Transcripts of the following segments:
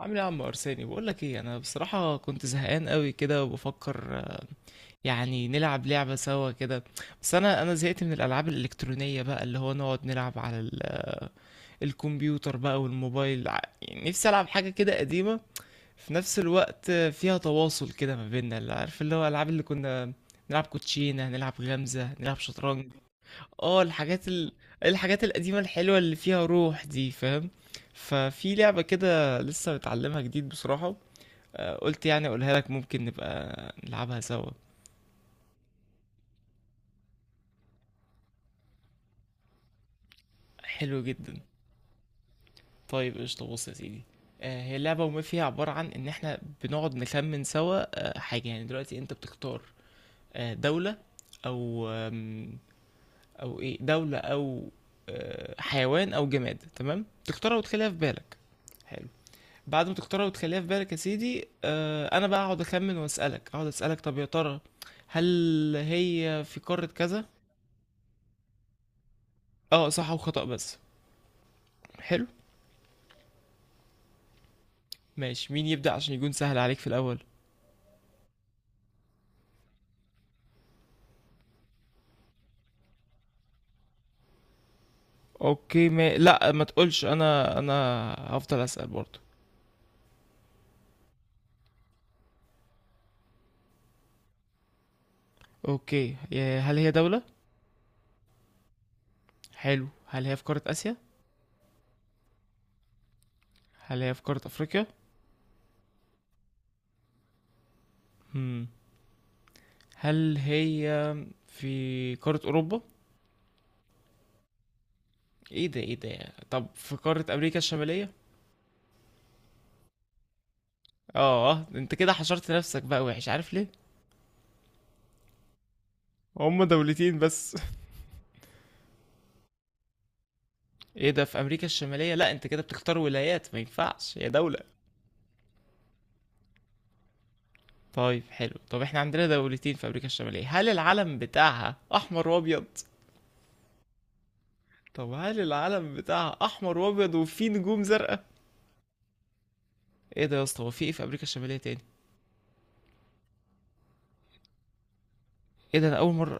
عامل ايه يا عم ارساني؟ بقول لك ايه، انا بصراحه كنت زهقان قوي كده وبفكر يعني نلعب لعبه سوا كده. بس انا زهقت من الالعاب الالكترونيه بقى، اللي هو نقعد نلعب على الكمبيوتر بقى والموبايل. يعني نفسي العب حاجه كده قديمه في نفس الوقت، فيها تواصل كده ما بيننا، اللي عارف اللي هو الالعاب اللي كنا نلعب كوتشينه، نلعب غمزه، نلعب شطرنج. اه، الحاجات القديمه الحلوه اللي فيها روح دي، فاهم؟ ففي لعبه كده لسه متعلمها جديد بصراحه، قلت يعني اقولها لك، ممكن نبقى نلعبها سوا. حلو جدا. طيب قشطة، بص يا سيدي، هي اللعبة وما فيها عبارة عن إن إحنا بنقعد نخمن سوا حاجة. يعني دلوقتي أنت بتختار دولة، أو أو إيه، دولة، أو حيوان، أو جماد. تمام، تختارها وتخليها في بالك. حلو. بعد ما تختارها وتخليها في بالك يا سيدي، أنا بقى أقعد أخمن وأسألك، أقعد أسألك طب يا ترى هل هي في قارة كذا؟ أه، صح وخطأ بس. حلو. ماشي، مين يبدأ عشان يكون سهل عليك في الأول؟ اوكي، ما... لا ما تقولش، انا هفضل أسأل برضه. اوكي، هل هي دولة؟ حلو، هل هي في قارة آسيا؟ هل هي في قارة أفريقيا؟ هم. هل هي في قارة أوروبا؟ ايه ده، ايه ده، طب في قارة أمريكا الشمالية؟ اه، انت كده حشرت نفسك بقى وحش، عارف ليه؟ هما دولتين بس. ايه ده، في امريكا الشمالية؟ لا انت كده بتختار ولايات، ما ينفعش، هي دولة. طيب حلو، طب احنا عندنا دولتين في امريكا الشمالية. هل العلم بتاعها احمر وابيض؟ طب هل العلم بتاعها احمر وابيض وفيه نجوم زرقاء؟ ايه ده يا اسطى، هو في ايه في امريكا الشمالية تاني؟ ايه ده، انا اول مرة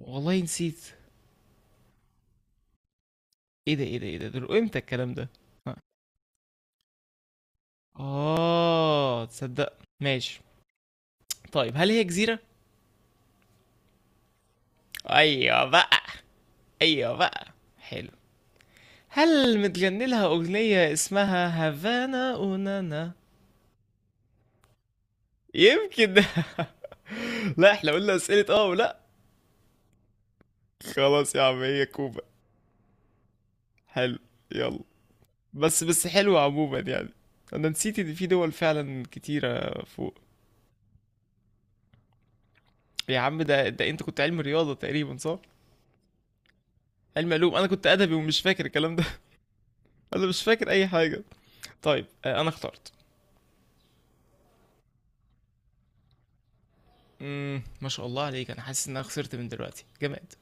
والله نسيت. ايه ده، ايه ده، ايه ده، دول امتى الكلام ده؟ اه تصدق. ماشي، طيب هل هي جزيرة؟ ايوه بقى، ايوه بقى. حلو، هل متغني لها اغنية اسمها هافانا اونانا؟ يمكن. لا احنا قلنا اسئلة اه ولا؟ خلاص يا عم، هي كوبا. حلو، يلا. بس بس حلوة عموما يعني، انا نسيت ان في دول فعلا كتيرة فوق. يا عم، ده ده انت كنت علم رياضة تقريبا، صح؟ علم علوم، انا كنت ادبي ومش فاكر الكلام ده. انا مش فاكر اي حاجة. طيب انا اخترت. ما شاء الله عليك، انا حاسس ان انا خسرت من دلوقتي. جماد.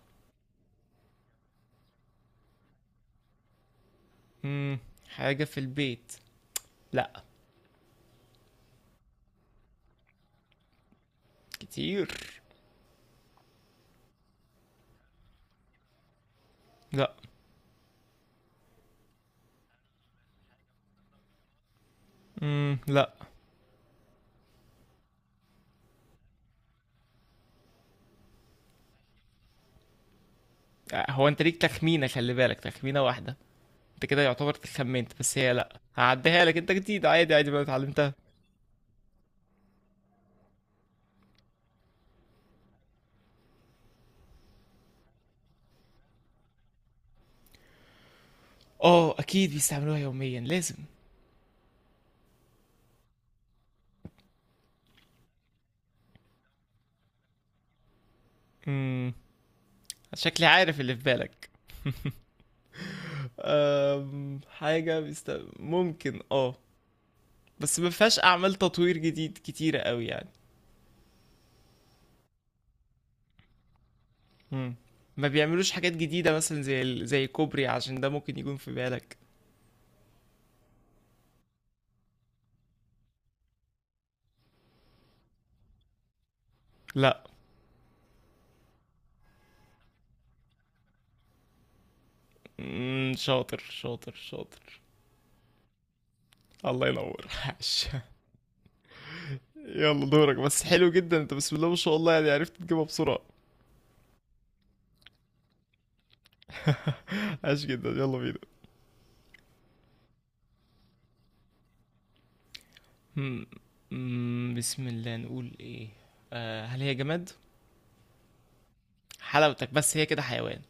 امم حاجة في البيت. لا. كتير. لا. لا. هو انت ليك تخمينة، خلي بالك تخمينة واحدة، انت كده يعتبر خمنت، بس هي لا هعديها لك، انت جديد، عادي عادي ما اتعلمتها. اه اكيد بيستعملوها يوميا، لازم. امم شكلي عارف اللي في بالك. أم... حاجة بيست... ممكن اه، بس ما فيهاش اعمال تطوير جديد كتيرة قوي يعني. امم ما بيعملوش حاجات جديدة مثلا زي زي كوبري، عشان ده ممكن يكون في بالك. لا. شاطر شاطر شاطر. الله ينور، عاش. يلا دورك، بس حلو جدا انت، بسم الله ما شاء الله، يعني عرفت تجيبها بسرعة. عاش جدا، يلا بينا. مم. بسم الله، نقول ايه. آه، هل هي جماد؟ حلاوتك، بس هي كده حيوان.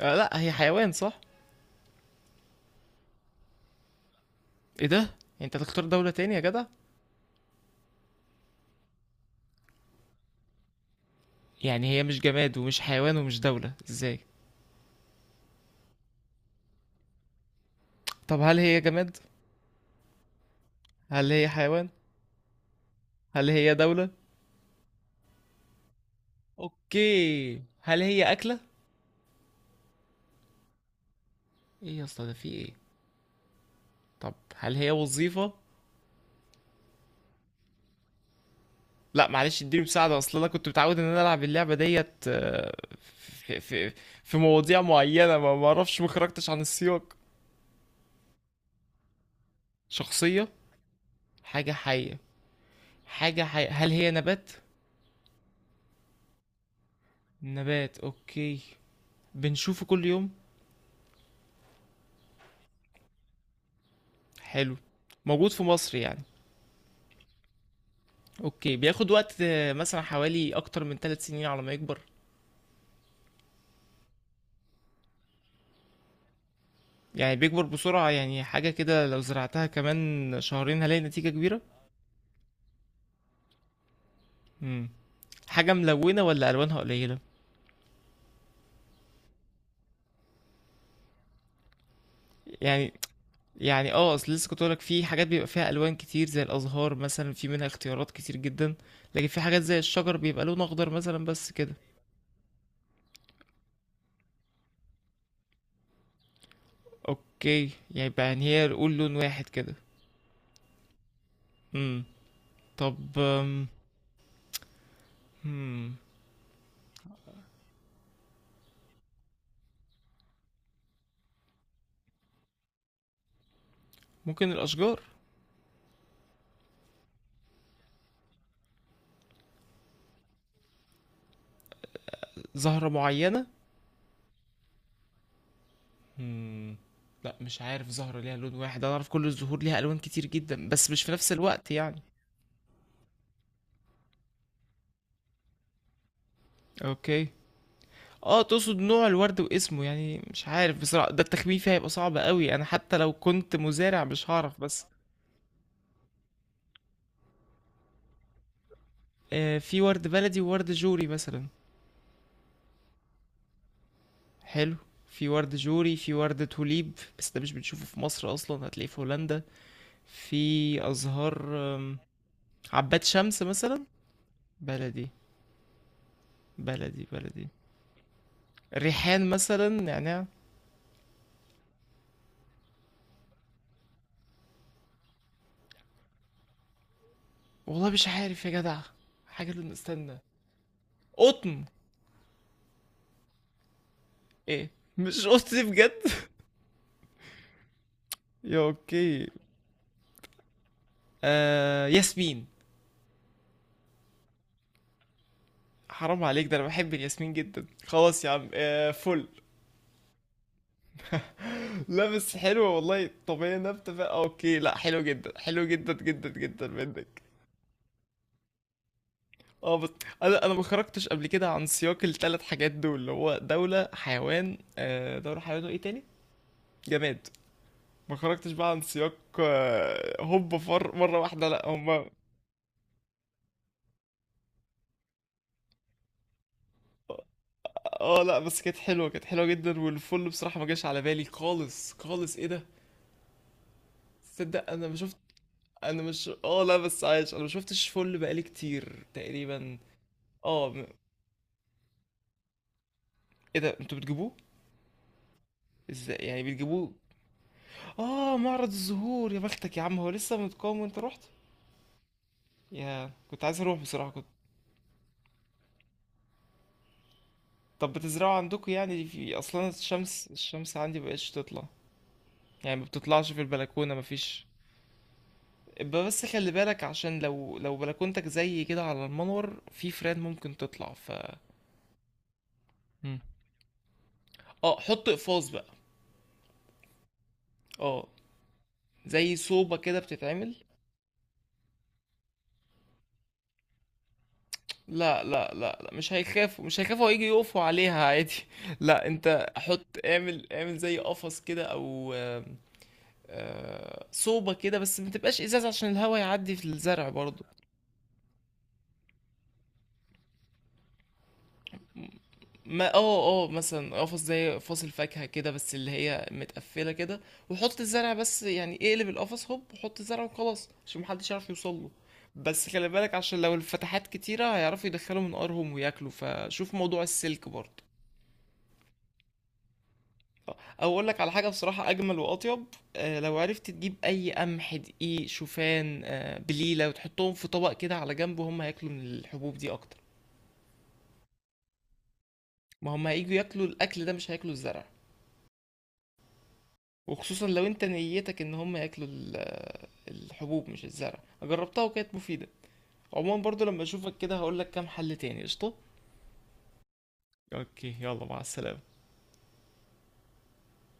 آه، لا هي حيوان، صح؟ ايه ده، انت تختار دولة تاني يا جدع. يعني هي مش جماد ومش حيوان ومش دولة، ازاي؟ طب هل هي جماد؟ هل هي حيوان؟ هل هي دولة؟ اوكي، هل هي اكلة؟ ايه يا اسطى، ده في ايه؟ طب هل هي وظيفة؟ لا معلش اديني مساعدة، اصل انا كنت متعود ان انا العب اللعبة ديت في في في مواضيع معينة، ما اعرفش، ما خرجتش عن السياق. شخصية. حاجة حية، حاجة حية. هل هي نبات؟ نبات اوكي، بنشوفه كل يوم. حلو، موجود في مصر يعني. اوكي، بياخد وقت مثلا حوالي اكتر من 3 سنين على ما يكبر. يعني بيكبر بسرعة، يعني حاجة كده لو زرعتها كمان شهرين هلاقي نتيجة كبيرة. مم. حاجة ملونة ولا ألوانها قليلة؟ يعني، يعني اه، اصل لسه كنت لك في حاجات بيبقى فيها ألوان كتير، زي الأزهار مثلا في منها اختيارات كتير جدا، لكن في حاجات زي الشجر بيبقى لون أخضر مثلا بس كده. اوكي، يبقى يعني هي نقول لون واحد كده. امم طب هم، ممكن الاشجار. زهرة معينة. هم، لا مش عارف زهرة ليها لون واحد، انا اعرف كل الزهور ليها الوان كتير جدا بس مش في نفس الوقت يعني. اوكي، اه تقصد نوع الورد واسمه، يعني مش عارف بصراحة، ده التخمين فيها هيبقى صعب قوي، انا حتى لو كنت مزارع مش هعرف بس. آه، في ورد بلدي وورد جوري مثلا. حلو، في ورد جوري، في ورد توليب، بس ده مش بنشوفه في مصر اصلا، هتلاقيه في هولندا. في ازهار عباد شمس مثلا. بلدي، بلدي بلدي. ريحان مثلا، نعناع. والله مش عارف يا جدع. حاجه، اللي استنى. قطن. ايه، مش قطن بجد؟ يا اوكي. آه، ياسمين. حرام عليك، ده انا بحب الياسمين جدا. خلاص يا عم، آه فل. لابس حلو والله، طبيعي، نبتة بقى، اوكي، لا حلو جدا، حلو جدا جدا جدا منك. اه بس، انا ما خرجتش قبل كده عن سياق الثلاث حاجات دول، اللي هو دوله، حيوان، دوله، حيوان، وايه تاني، جماد. ما خرجتش بقى عن سياق، هوب فر مره واحده، لا هما. اه لا بس كانت حلوه جدا. والفل بصراحه ما جاش على بالي خالص خالص، ايه ده. تصدق انا ما شفت، انا مش، اه لا بس عايش، انا ما شفتش فل بقالي كتير تقريبا. اه ايه ده، انتوا بتجيبوه؟ ازاي يعني بتجيبوه؟ اه معرض الزهور، يا بختك يا عم، هو لسه متقام وانت رحت. يا كنت عايز اروح بصراحة، كنت. طب بتزرعوا عندكم يعني؟ في اصلا الشمس، الشمس عندي مبقتش تطلع. يعني ما بتطلعش في البلكونة، مفيش. ابقى بس خلي بالك، عشان لو بلكونتك زي كده على المنور، في فران ممكن تطلع، ف مم. اه حط اقفاص بقى. اه، زي صوبة كده بتتعمل. لا لا لا لا، مش هيخافوا، مش هيخافوا، هيجي يقفوا عليها عادي. لا انت حط، اعمل اعمل زي قفص كده، او صوبة كده، بس ما تبقاش ازازة عشان الهواء يعدي في الزرع برضو. ما اه اه، مثلا قفص زي قفص الفاكهة كده، بس اللي هي متقفلة كده، وحط الزرع بس، يعني اقلب القفص هوب وحط الزرع وخلاص عشان محدش يعرف يوصل له. بس خلي بالك، عشان لو الفتحات كتيرة هيعرفوا يدخلوا منقارهم وياكلوا، فشوف موضوع السلك برضو. او اقول لك على حاجه بصراحه اجمل واطيب، لو عرفت تجيب اي قمح، دقيق، شوفان، بليله، وتحطهم في طبق كده على جنب، وهم هياكلوا من الحبوب دي اكتر. ما هم هيجوا ياكلوا الاكل ده، مش هياكلوا الزرع. وخصوصا لو انت نيتك ان هم ياكلوا الحبوب مش الزرع. جربتها وكانت مفيدة. عموما برضو لما اشوفك كده هقولك كام حل تاني. قشطة. اوكي يلا، مع السلامة.